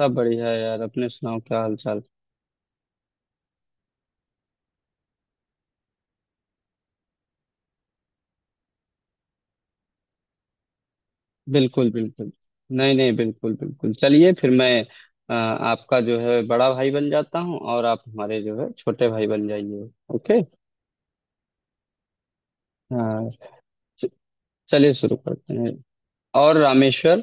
सब बढ़िया है यार, अपने सुनाओ क्या हाल चाल। बिल्कुल बिल्कुल। नहीं नहीं, बिल्कुल बिल्कुल, चलिए फिर मैं आपका जो है बड़ा भाई बन जाता हूँ और आप हमारे जो है छोटे भाई बन जाइए। ओके। हाँ। च- चलिए शुरू करते हैं। और रामेश्वर,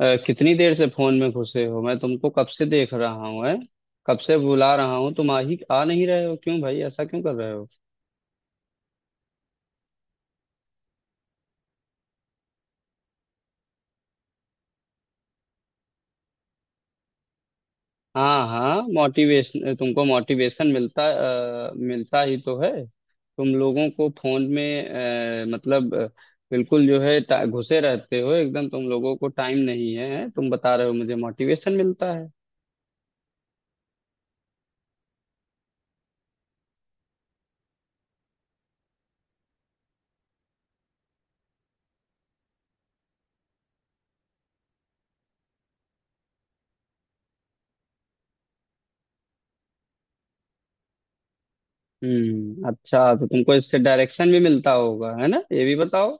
कितनी देर से फोन में घुसे हो, मैं तुमको कब से देख रहा हूँ है, कब से बुला रहा हूँ, तुम आ नहीं रहे हो, क्यों भाई ऐसा क्यों कर रहे हो? हाँ हाँ, मोटिवेशन तुमको मोटिवेशन मिलता, मिलता ही तो है तुम लोगों को फोन में। अ, मतलब अ, बिल्कुल जो है घुसे रहते हो एकदम, तुम लोगों को टाइम नहीं है, तुम बता रहे हो मुझे मोटिवेशन मिलता है। हम्म, अच्छा तो तुमको इससे डायरेक्शन भी मिलता होगा, है ना, ये भी बताओ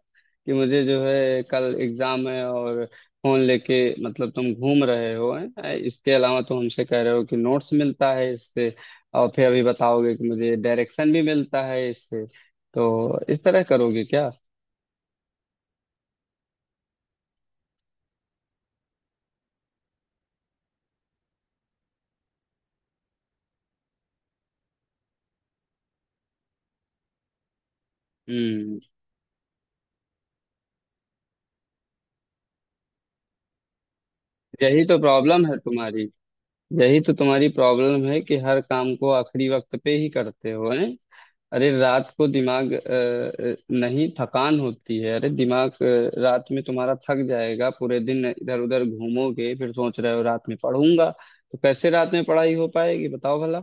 कि मुझे जो है कल एग्जाम है और फोन लेके, मतलब तुम घूम रहे हो हैं, इसके अलावा तुम हमसे कह रहे हो कि नोट्स मिलता है इससे, और फिर अभी बताओगे कि मुझे डायरेक्शन भी मिलता है इससे, तो इस तरह करोगे क्या? हम्म, यही तो प्रॉब्लम है तुम्हारी। यही तो तुम्हारी प्रॉब्लम है कि हर काम को आखिरी वक्त पे ही करते हो, है। अरे रात को दिमाग नहीं थकान होती है, अरे दिमाग रात में तुम्हारा थक जाएगा, पूरे दिन इधर उधर घूमोगे फिर सोच रहे हो रात में पढ़ूंगा, तो कैसे रात में पढ़ाई हो पाएगी बताओ भला।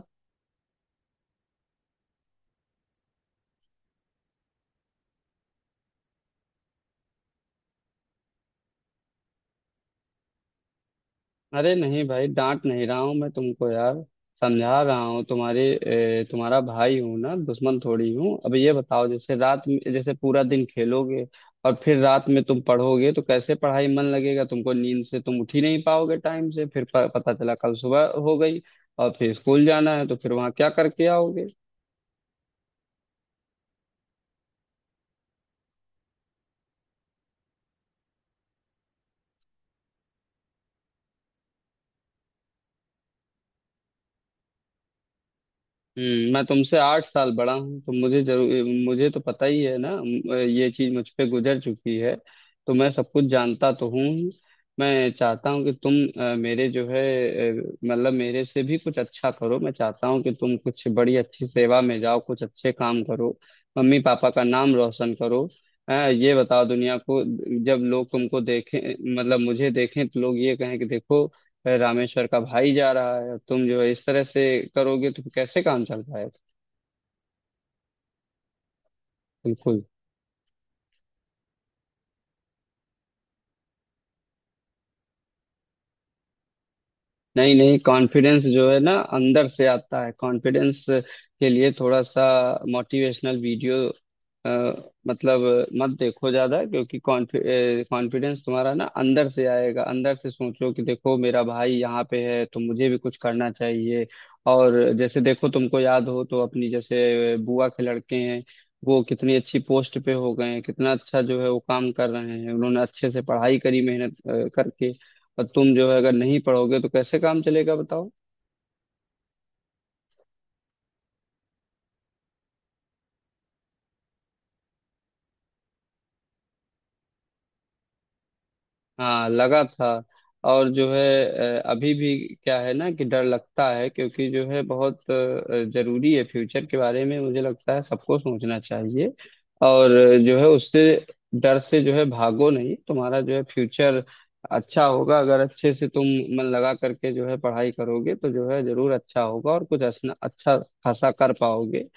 अरे नहीं भाई, डांट नहीं रहा हूँ मैं तुमको यार, समझा रहा हूँ। तुम्हारा भाई हूँ ना, दुश्मन थोड़ी हूँ। अब ये बताओ, जैसे रात में, जैसे पूरा दिन खेलोगे और फिर रात में तुम पढ़ोगे, तो कैसे पढ़ाई मन लगेगा तुमको, नींद से तुम उठ ही नहीं पाओगे टाइम से, फिर पता चला कल सुबह हो गई, और फिर स्कूल जाना है तो फिर वहाँ क्या करके आओगे? मैं तुमसे 8 साल बड़ा हूँ तो मुझे जरूर, मुझे तो पता ही है ना, ये चीज मुझ पे गुजर चुकी है, तो मैं सब कुछ जानता तो हूँ ही। मैं चाहता हूँ कि तुम मेरे जो है मेरे से भी कुछ अच्छा करो। मैं चाहता हूँ कि तुम कुछ बड़ी अच्छी सेवा में जाओ, कुछ अच्छे काम करो, मम्मी पापा का नाम रोशन करो। ये बताओ, दुनिया को जब लोग तुमको देखें, मतलब मुझे देखें, तो लोग ये कहें कि देखो है रामेश्वर का भाई जा रहा है, और तुम जो है इस तरह से करोगे तो कैसे काम चल पाएगा? बिल्कुल। नहीं नहीं, कॉन्फिडेंस जो है ना अंदर से आता है। कॉन्फिडेंस के लिए थोड़ा सा मोटिवेशनल वीडियो मतलब मत देखो ज्यादा, क्योंकि कॉन्फिडेंस तुम्हारा ना अंदर से आएगा, अंदर से सोचो कि देखो मेरा भाई यहाँ पे है तो मुझे भी कुछ करना चाहिए। और जैसे देखो तुमको याद हो तो, अपनी जैसे बुआ के लड़के हैं, वो कितनी अच्छी पोस्ट पे हो गए हैं, कितना अच्छा जो है वो काम कर रहे हैं, उन्होंने अच्छे से पढ़ाई करी, मेहनत करके। और तुम जो है अगर नहीं पढ़ोगे तो कैसे काम चलेगा बताओ। हाँ, लगा था, और जो है अभी भी, क्या है ना कि डर लगता है, क्योंकि जो है बहुत जरूरी है फ्यूचर के बारे में, मुझे लगता है सबको सोचना चाहिए। और जो है उससे, डर से जो है भागो नहीं, तुम्हारा जो है फ्यूचर अच्छा होगा अगर अच्छे से तुम मन लगा करके जो है पढ़ाई करोगे, तो जो है जरूर अच्छा होगा और कुछ असना अच्छा खासा कर पाओगे।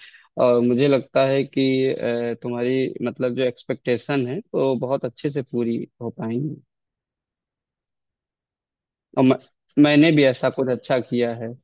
और मुझे लगता है कि तुम्हारी मतलब जो एक्सपेक्टेशन है वो बहुत अच्छे से पूरी हो पाएंगी, और मैंने भी ऐसा कुछ अच्छा किया है।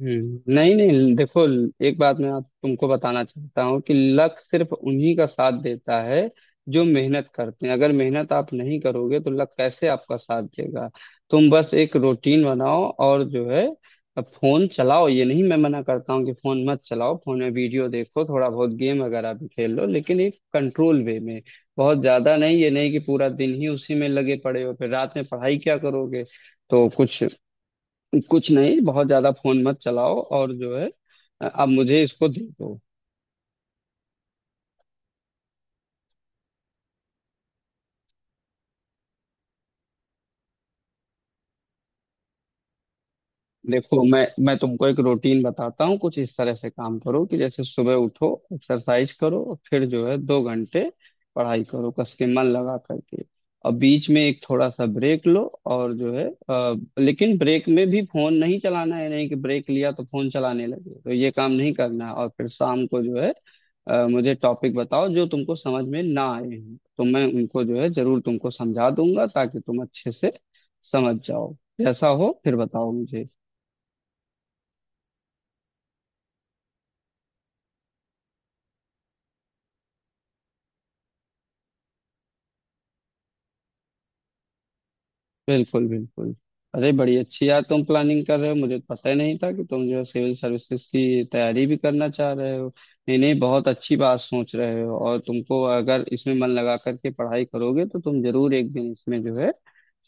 हम्म, नहीं नहीं देखो, एक बात मैं आप तुमको बताना चाहता हूँ कि लक सिर्फ उन्हीं का साथ देता है जो मेहनत करते हैं। अगर मेहनत आप नहीं करोगे तो लक कैसे आपका साथ देगा? तुम बस एक रूटीन बनाओ और जो है फोन चलाओ, ये नहीं मैं मना करता हूँ कि फोन मत चलाओ, फोन में वीडियो देखो, थोड़ा बहुत गेम वगैरह भी खेल लो, लेकिन एक कंट्रोल वे में, बहुत ज्यादा नहीं। ये नहीं कि पूरा दिन ही उसी में लगे पड़े हो फिर रात में पढ़ाई क्या करोगे? तो कुछ कुछ नहीं, बहुत ज्यादा फोन मत चलाओ और जो है अब मुझे इसको दे दो। देखो, मैं तुमको एक रूटीन बताता हूँ, कुछ इस तरह से काम करो कि जैसे सुबह उठो, एक्सरसाइज करो और फिर जो है 2 घंटे पढ़ाई करो कस के मन लगा करके, और बीच में एक थोड़ा सा ब्रेक लो, और जो है लेकिन ब्रेक में भी फोन नहीं चलाना है, नहीं कि ब्रेक लिया तो फोन चलाने लगे, तो ये काम नहीं करना है। और फिर शाम को जो है मुझे टॉपिक बताओ जो तुमको समझ में ना आए हैं, तो मैं उनको जो है जरूर तुमको समझा दूंगा ताकि तुम अच्छे से समझ जाओ। जैसा हो फिर बताओ मुझे। बिल्कुल बिल्कुल। अरे बड़ी अच्छी यार तुम प्लानिंग कर रहे हो, मुझे तो पता ही नहीं था कि तुम जो है सिविल सर्विसेज की तैयारी भी करना चाह रहे हो। नहीं नहीं, बहुत अच्छी बात सोच रहे हो, और तुमको अगर इसमें मन लगा करके पढ़ाई करोगे तो तुम जरूर एक दिन इसमें जो है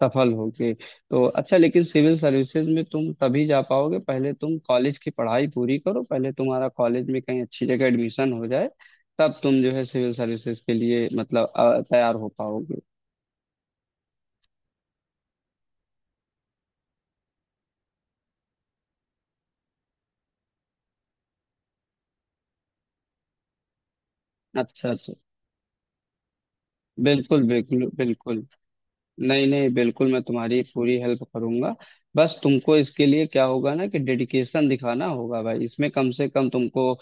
सफल होगे, तो अच्छा। लेकिन सिविल सर्विसेज में तुम तभी जा पाओगे, पहले तुम कॉलेज की पढ़ाई पूरी करो, पहले तुम्हारा कॉलेज में कहीं अच्छी जगह एडमिशन हो जाए, तब तुम जो है सिविल सर्विसेज के लिए मतलब तैयार हो पाओगे। अच्छा अच्छा। बिल्कुल बिल्कुल बिल्कुल। नहीं नहीं, बिल्कुल मैं तुम्हारी पूरी हेल्प करूंगा। बस तुमको इसके लिए क्या होगा ना कि डेडिकेशन दिखाना होगा भाई इसमें। कम से कम तुमको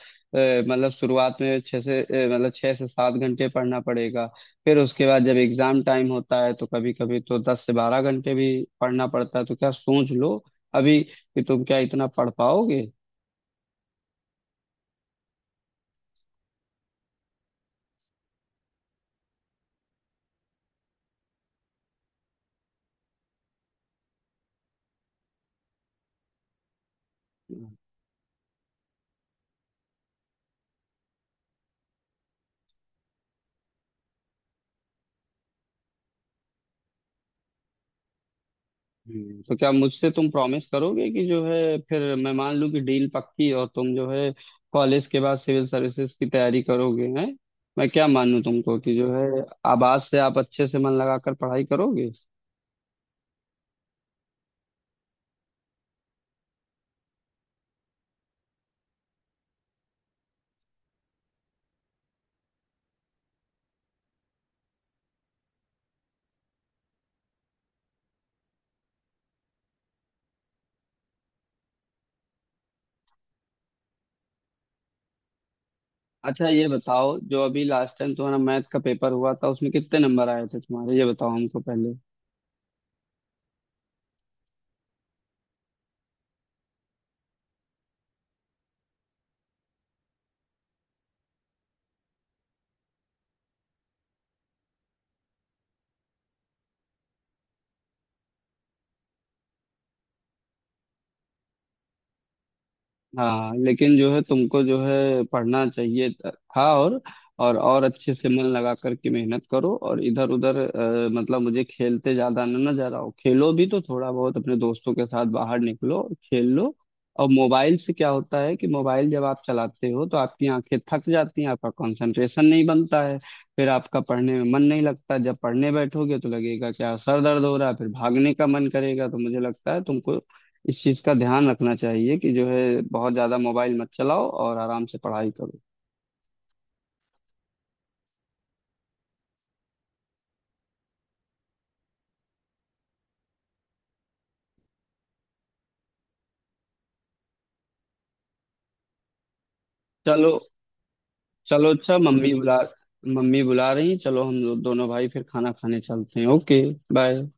मतलब शुरुआत में 6 से 7 घंटे पढ़ना पड़ेगा, फिर उसके बाद जब एग्जाम टाइम होता है तो कभी कभी तो 10 से 12 घंटे भी पढ़ना पड़ता है। तो क्या सोच लो अभी कि तुम क्या इतना पढ़ पाओगे? तो क्या मुझसे तुम प्रॉमिस करोगे कि जो है फिर मैं मान लूं कि डील पक्की और तुम जो है कॉलेज के बाद सिविल सर्विसेज की तैयारी करोगे, हैं? मैं क्या मानूं तुमको कि जो है आवाज से आप अच्छे से मन लगाकर पढ़ाई करोगे। अच्छा ये बताओ, जो अभी लास्ट टाइम तुम्हारा मैथ का पेपर हुआ था उसमें कितने नंबर आए थे तुम्हारे, ये बताओ हमको पहले। हाँ, लेकिन जो है तुमको जो है पढ़ना चाहिए था, और और अच्छे से मन लगा करके मेहनत करो, और इधर उधर मतलब मुझे खेलते ज्यादा ना ना जा रहा हो, खेलो भी तो थोड़ा बहुत अपने दोस्तों के साथ बाहर निकलो खेल लो। और मोबाइल से क्या होता है कि मोबाइल जब आप चलाते हो तो आपकी आंखें थक जाती हैं, आपका कंसंट्रेशन नहीं बनता है, फिर आपका पढ़ने में मन नहीं लगता। जब पढ़ने बैठोगे तो लगेगा क्या सर दर्द हो रहा है, फिर भागने का मन करेगा। तो मुझे लगता है तुमको इस चीज का ध्यान रखना चाहिए कि जो है बहुत ज्यादा मोबाइल मत चलाओ और आराम से पढ़ाई करो। चलो चलो, अच्छा मम्मी बुला, मम्मी बुला रही हैं, चलो हम दोनों भाई फिर खाना खाने चलते हैं। Okay, bye.